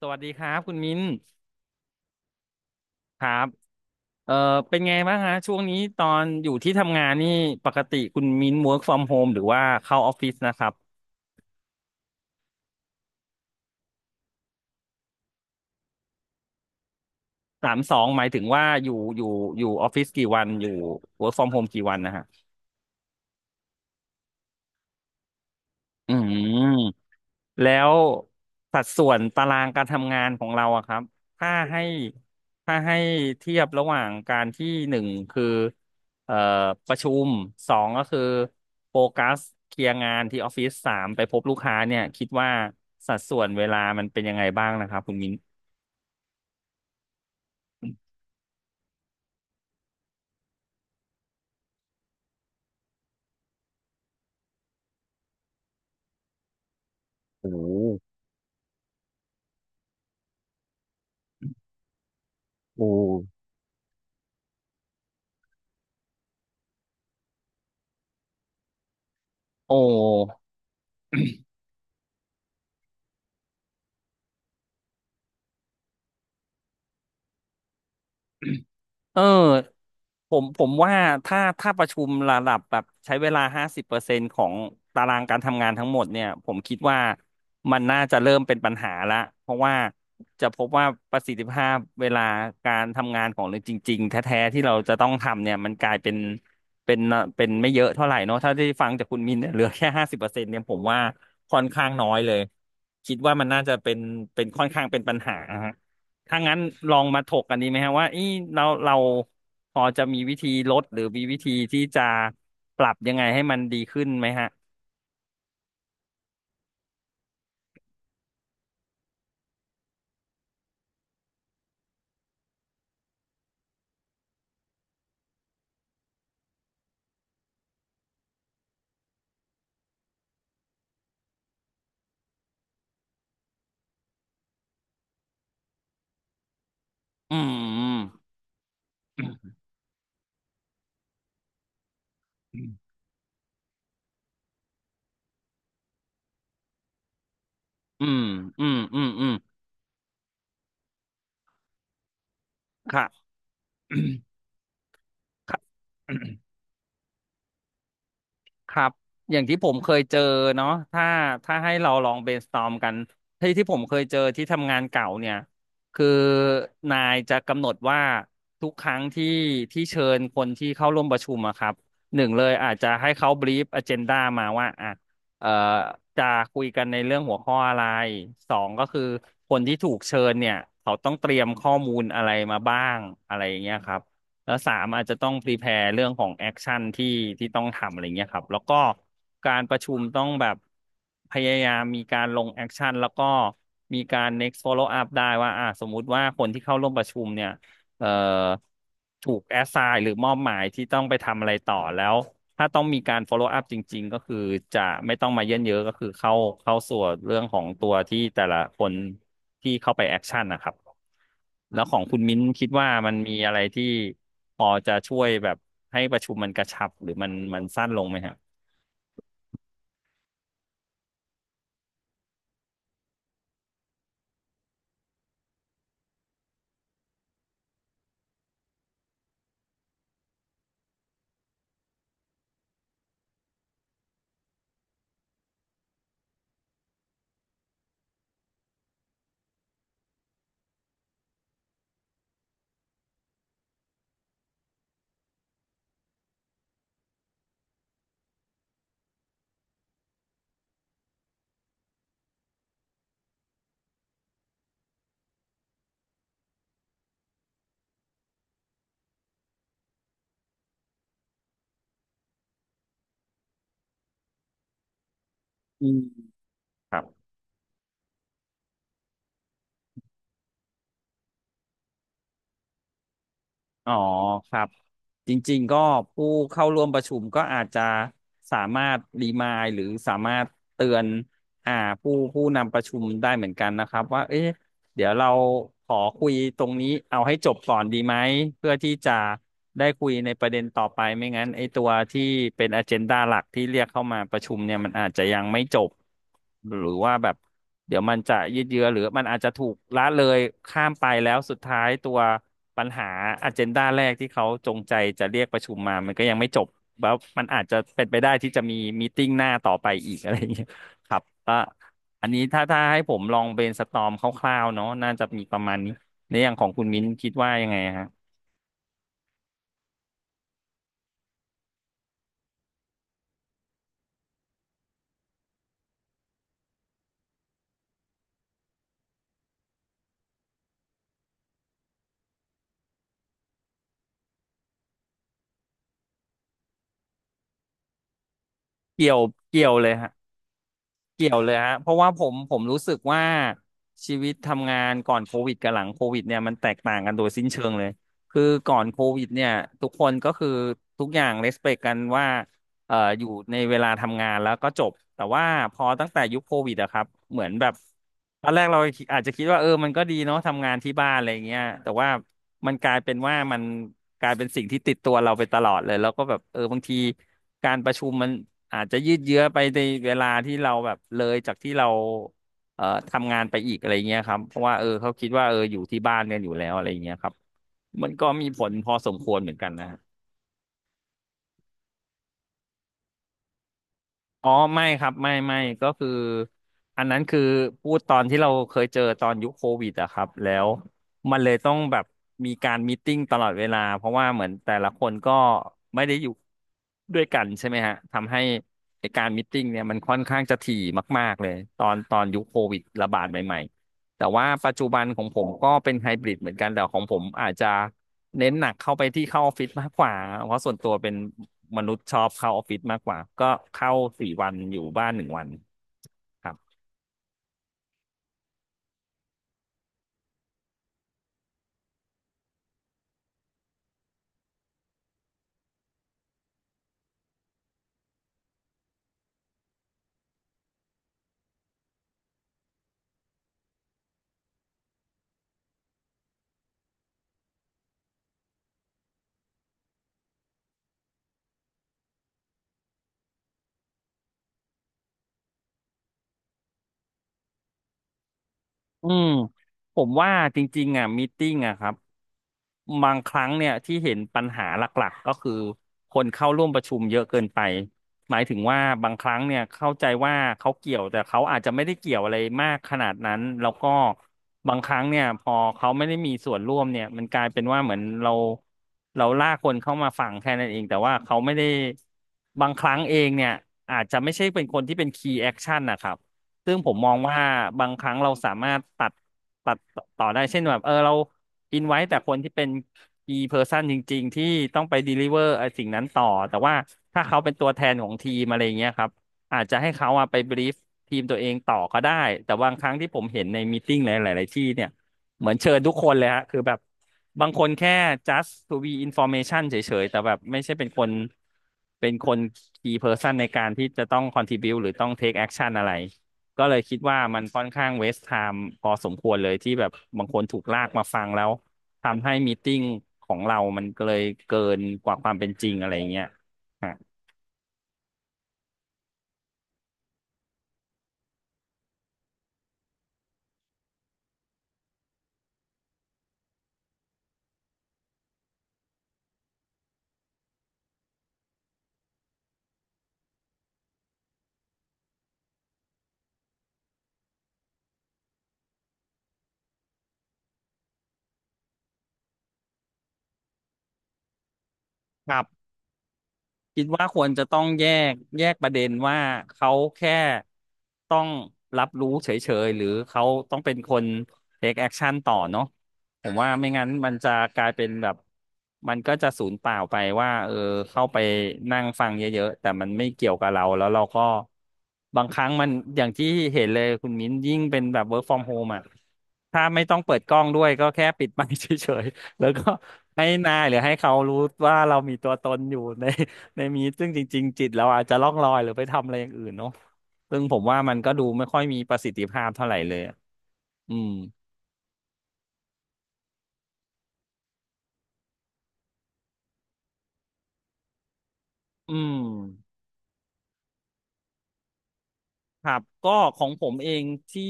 สวัสดีครับคุณมิ้นครับเอ่อเป็นไงบ้างฮะช่วงนี้ตอนอยู่ที่ทำงานนี่ปกติคุณมิ้น work from home หรือว่าเข้าออฟฟิศนะครับสามสองหมายถึงว่าอยู่อยู่ออฟฟิศกี่วันอยู่ work from home กี่วันนะฮะอืม แล้วสัดส่วนตารางการทำงานของเราอะครับถ้าให้ถ้าให้เทียบระหว่างการที่หนึ่งคือเอ่อประชุมสองก็คือโฟกัสเคลียร์งานที่ออฟฟิศสามไปพบลูกค้าเนี่ยคิดว่าสัดส่วนเวลามันเป็นยังไงบ้างนะครับคุณมิ้นโอ้โหโอ้โอ้ เออผมว่าถ้าประชุมระดับแบบใช้เวลาห้าสิบเปอร์เซ็นต์ของตารางการทำงานทั้งหมดเนี่ยผมคิดว่ามันน่าจะเริ่มเป็นปัญหาละเพราะว่าจะพบว่าประสิทธิภาพเวลาการทำงานของเราจริงๆแท้ๆที่เราจะต้องทำเนี่ยมันกลายเป็นเป็นเป็นไม่เยอะเท่าไหร่เนอะถ้าได้ฟังจากคุณมินเนี่ยเหลือแค่ห้าสิบเปอร์เซ็นต์เนี่ยผมว่าค่อนข้างน้อยเลยคิดว่ามันน่าจะเป็นเป็นค่อนข้างเป็นปัญหา ถ้างั้นลองมาถกกันดีไหมฮะว่าเอีเราพอจะมีวิธีลดหรือมีวิธีที่จะปรับยังไงให้มันดีขึ้นไหมฮะอืมอืมอืมอืมอืมอืมค่ะ ค่ะ ครับอย่างที่ผมเคยเจอเนาะถ้าให้เราลอง brainstorm กันที่ผมเคยเจอที่ทำงานเก่าเนี่ยคือนายจะกำหนดว่าทุกครั้งที่เชิญคนที่เข้าร่วมประชุมอะครับหนึ่งเลยอาจจะให้เขา brief agenda มาว่าอ่ะเอ่อจะคุยกันในเรื่องหัวข้ออะไรสองก็คือคนที่ถูกเชิญเนี่ยเขาต้องเตรียมข้อมูลอะไรมาบ้างอะไรอย่างเงี้ยครับ แล้วสามอาจจะต้องพรีแพร์เรื่องของแอคชั่นที่ต้องทำอะไรเงี้ยครับแล้วก็การประชุมต้องแบบพยายามมีการลงแอคชั่นแล้วก็มีการ next follow up ได้ว่าอ่าสมมุติว่าคนที่เข้าร่วมประชุมเนี่ย เอ่อถูกแอสไซน์หรือมอบหมายที่ต้องไปทำอะไรต่อแล้วถ้าต้องมีการ follow up จริงๆก็คือจะไม่ต้องมาเยินเยอะก็คือเข้าส่วนเรื่องของตัวที่แต่ละคนที่เข้าไปแอคชั่นนะครับแล้วของคุณมิ้นคิดว่ามันมีอะไรที่พอจะช่วยแบบให้ประชุมมันกระชับหรือมันสั้นลงไหมฮะอืมครับ อ๋อครับจริงๆก็ผู้เข้าร่วมประชุมก็อาจจะสามารถรีมายหรือสามารถเตือนอ่าผู้นำประชุมได้เหมือนกันนะครับว่าเอ๊ะ เดี๋ยวเราขอคุยตรงนี้เอาให้จบก่อนดีไหมเพื่อที่จะได้คุยในประเด็นต่อไปไม่งั้นไอ้ตัวที่เป็นอเจนดาหลักที่เรียกเข้ามาประชุมเนี่ยมันอาจจะยังไม่จบหรือว่าแบบเดี๋ยวมันจะยืดเยื้อหรือมันอาจจะถูกละเลยข้ามไปแล้วสุดท้ายตัวปัญหาอเจนดาแรกที่เขาจงใจจะเรียกประชุมมามันก็ยังไม่จบแล้วมันอาจจะเป็นไปได้ที่จะมีมีตติ้งหน้าต่อไปอีกอะไรอย่างเงี้ยครับก็ อันนี้ถ้าให้ผมลองเบรนสตอร์มคร่าวๆเนาะน่าจะมีประมาณนี้ในอย่างของคุณมิ้นคิดว่ายังไงฮะเกี่ยวเกี่ยวเลยฮะเกี่ยวเลยฮะเพราะว่าผมรู้สึกว่าชีวิตทำงานก่อนโควิดกับหลังโควิดเนี่ยมันแตกต่างกันโดยสิ้นเชิงเลยคือก่อนโควิดเนี่ยทุกคนก็คือทุกอย่างเ e สเป t กันว่า อยู่ในเวลาทำงานแล้วก็จบแต่ว่าพอตั้งแต่ยุคโควิดอะครับเหมือนแบบตอนแรกเราอาจจะคิดว่าเออมันก็ดีเนาะทำงานที่บ้านอะไรเงี้ยแต่ว่ามันกลายเป็นว่ามันกลายเป็นสิ่งที่ติดตัวเราไปตลอดเลยแล้วก็แบบเออบางทีการประชุมมันอาจจะยืดเยื้อไปในเวลาที่เราแบบเลยจากที่เราทำงานไปอีกอะไรเงี้ยครับเพราะว่าเออเขาคิดว่าเอออยู่ที่บ้านกันอยู่แล้วอะไรเงี้ยครับมันก็มีผลพอสมควรเหมือนกันนะ อ๋อไม่ครับไม่ไม่ก็คืออันนั้นคือพูดตอนที่เราเคยเจอตอนยุคโควิดอะครับแล้วมันเลยต้องแบบมีการมีตติ้งตลอดเวลาเพราะว่าเหมือนแต่ละคนก็ไม่ได้อยู่ด้วยกันใช่ไหมฮะทำให้ไอการมีตติ้งเนี่ยมันค่อนข้างจะถี่มากๆเลยตอนยุคโควิดระบาดใหม่ แต่ว่าปัจจุบันของผมก็เป็นไฮบริดเหมือนกันแต่ของผมอาจจะเน้นหนักเข้าไปที่เข้าออฟฟิศมากกว่าเพราะส่วนตัวเป็นมนุษย์ชอบเข้าออฟฟิศมากกว่าก็เข้าสี่วันอยู่บ้านหนึ่งวันครับ อืมผมว่าจริงๆอ่ะมีตติ้งอ่ะครับบางครั้งเนี่ยที่เห็นปัญหาหลักๆก็คือคนเข้าร่วมประชุมเยอะเกินไปหมายถึงว่าบางครั้งเนี่ยเข้าใจว่าเขาเกี่ยวแต่เขาอาจจะไม่ได้เกี่ยวอะไรมากขนาดนั้นแล้วก็บางครั้งเนี่ยพอเขาไม่ได้มีส่วนร่วมเนี่ยมันกลายเป็นว่าเหมือนเราลากคนเข้ามาฟังแค่นั้นเองแต่ว่าเขาไม่ได้บางครั้งเองเนี่ยอาจจะไม่ใช่เป็นคนที่เป็นคีย์แอคชั่นนะครับ ซึ่งผมมองว่าบางครั้งเราสามารถตัดต่อได้เช่นแบบเออเราอินไว้แต่คนที่เป็น key person จริงๆที่ต้องไป deliver ไอ้สิ่งนั้นต่อแต่ว่าถ้าเขาเป็นตัวแทนของทีมอะไรอย่างเงี้ยครับอาจจะให้เขาอะไป brief ทีมตัวเองต่อก็ได้แต่บางครั้งที่ผมเห็นในมีติ้งหลายๆที่เนี่ยเหมือนเชิญทุกคนเลยฮะคือแบบบางคนแค่ just to be information เฉยๆแต่แบบไม่ใช่เป็นคนเป็นคน key person ในการที่จะต้อง contribute หรือต้อง take action อะไร ก็เลยคิดว่ามันค่อนข้างwaste time พอสมควรเลยที่แบบบางคนถูกลากมาฟังแล้วทำให้มีตติ้งของเรามันก็เลยเกินกว่าความเป็นจริงอะไรเงี้ยฮะครับ คิดว่าควรจะต้องแยกประเด็นว่าเขาแค่ต้องรับรู้เฉยๆหรือเขาต้องเป็นคน take action ต่อเนาะผมว่าไม่งั้นมันจะกลายเป็นแบบมันก็จะสูญเปล่าไปว่าเออเข้าไปนั่งฟังเยอะๆแต่มันไม่เกี่ยวกับเราแล้วเราก็บางครั้งมันอย่างที่เห็นเลยคุณมิ้นยิ่งเป็นแบบ work from home อ่ะถ้าไม่ต้องเปิดกล้องด้วยก็แค่ปิดไมค์เฉยๆแล้วก็ให้นายหรือให้เขารู้ว่าเรามีตัวตนอยู่ใน ในมีซึ่งจริงๆจิตเราอาจจะล่องลอยหรือไปทำอะไรอย่างอื่นเนาะซึ่งผมว่ามันก็ดูไม่ค่อยมีประสิทธิภาพเท่าไหร่เลยอะอืมอืม ครับก็ของผมเองที่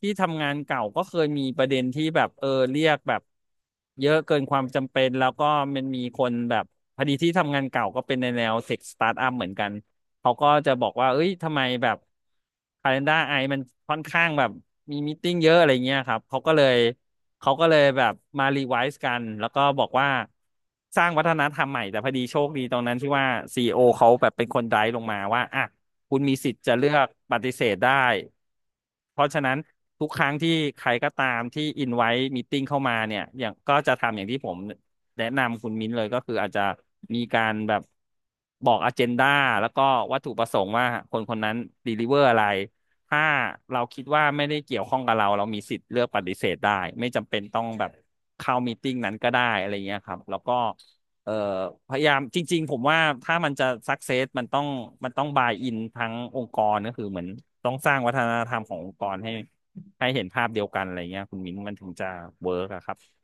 ที่ทำงานเก่าก็เคยมีประเด็นที่แบบเออเรียกแบบเยอะเกินความจำเป็นแล้วก็มันมีคนแบบพอดีที่ทำงานเก่าก็เป็นในแนวเทคสตาร์ทอัพเหมือนกันเขาก็จะบอกว่าเอ้ยทำไมแบบ Calendar ไอมันค่อนข้างแบบมีมีตติ้งเยอะอะไรเงี้ยครับเขาก็เลยแบบมารีไวซ์กันแล้วก็บอกว่าสร้างวัฒนธรรมใหม่แต่พอดีโชคดีตรงนั้นที่ว่าCEOเขาแบบเป็นคนไดรฟ์ลงมาว่าอ่ะ คุณมีสิทธิ์จะเลือกปฏิเสธได้ เพราะฉะนั้นทุกครั้งที่ใครก็ตามที่อินไว้มีตติ้งเข้ามาเนี่ยอย่างก็จะทำอย่างที่ผมแนะนำคุณมิ้นเลยก็คืออาจจะมีการแบบบอกอเจนดาแล้วก็วัตถุประสงค์ว่าคนคนนั้นdeliverอะไรถ้าเราคิดว่าไม่ได้เกี่ยวข้องกับเราเรามีสิทธิ์เลือกปฏิเสธได้ไม่จำเป็นต้องแบบเข้ามีตติ้งนั้นก็ได้อะไรเงี้ยครับแล้วก็ เอ่อพยายามจริงๆผมว่าถ้ามันจะสักเซสมันต้องบายอินทั้งองค์กรก็คือเหมือนต้องสร้างวัฒนธรรมขององค์กรให้เห็นภาพเดียวกันอะไรเงี้ยคุณมิ้นมันถึงจะเวิร์กอะครับ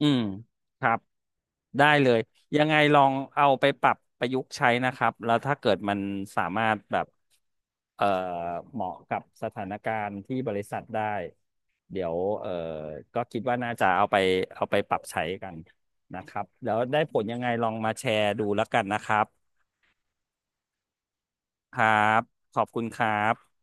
อืมครับได้เลยยังไงลองเอาไปปรับประยุกต์ใช้นะครับแล้วถ้าเกิดมันสามารถแบบ เอ่อเหมาะกับสถานการณ์ที่บริษัทได้เดี๋ยวก็คิดว่าน่าจะเอาไปปรับใช้กันนะครับแล้วได้ผลยังไงลองมาแชร์ดูแล้วกันนะครับครับขอบคุณครับ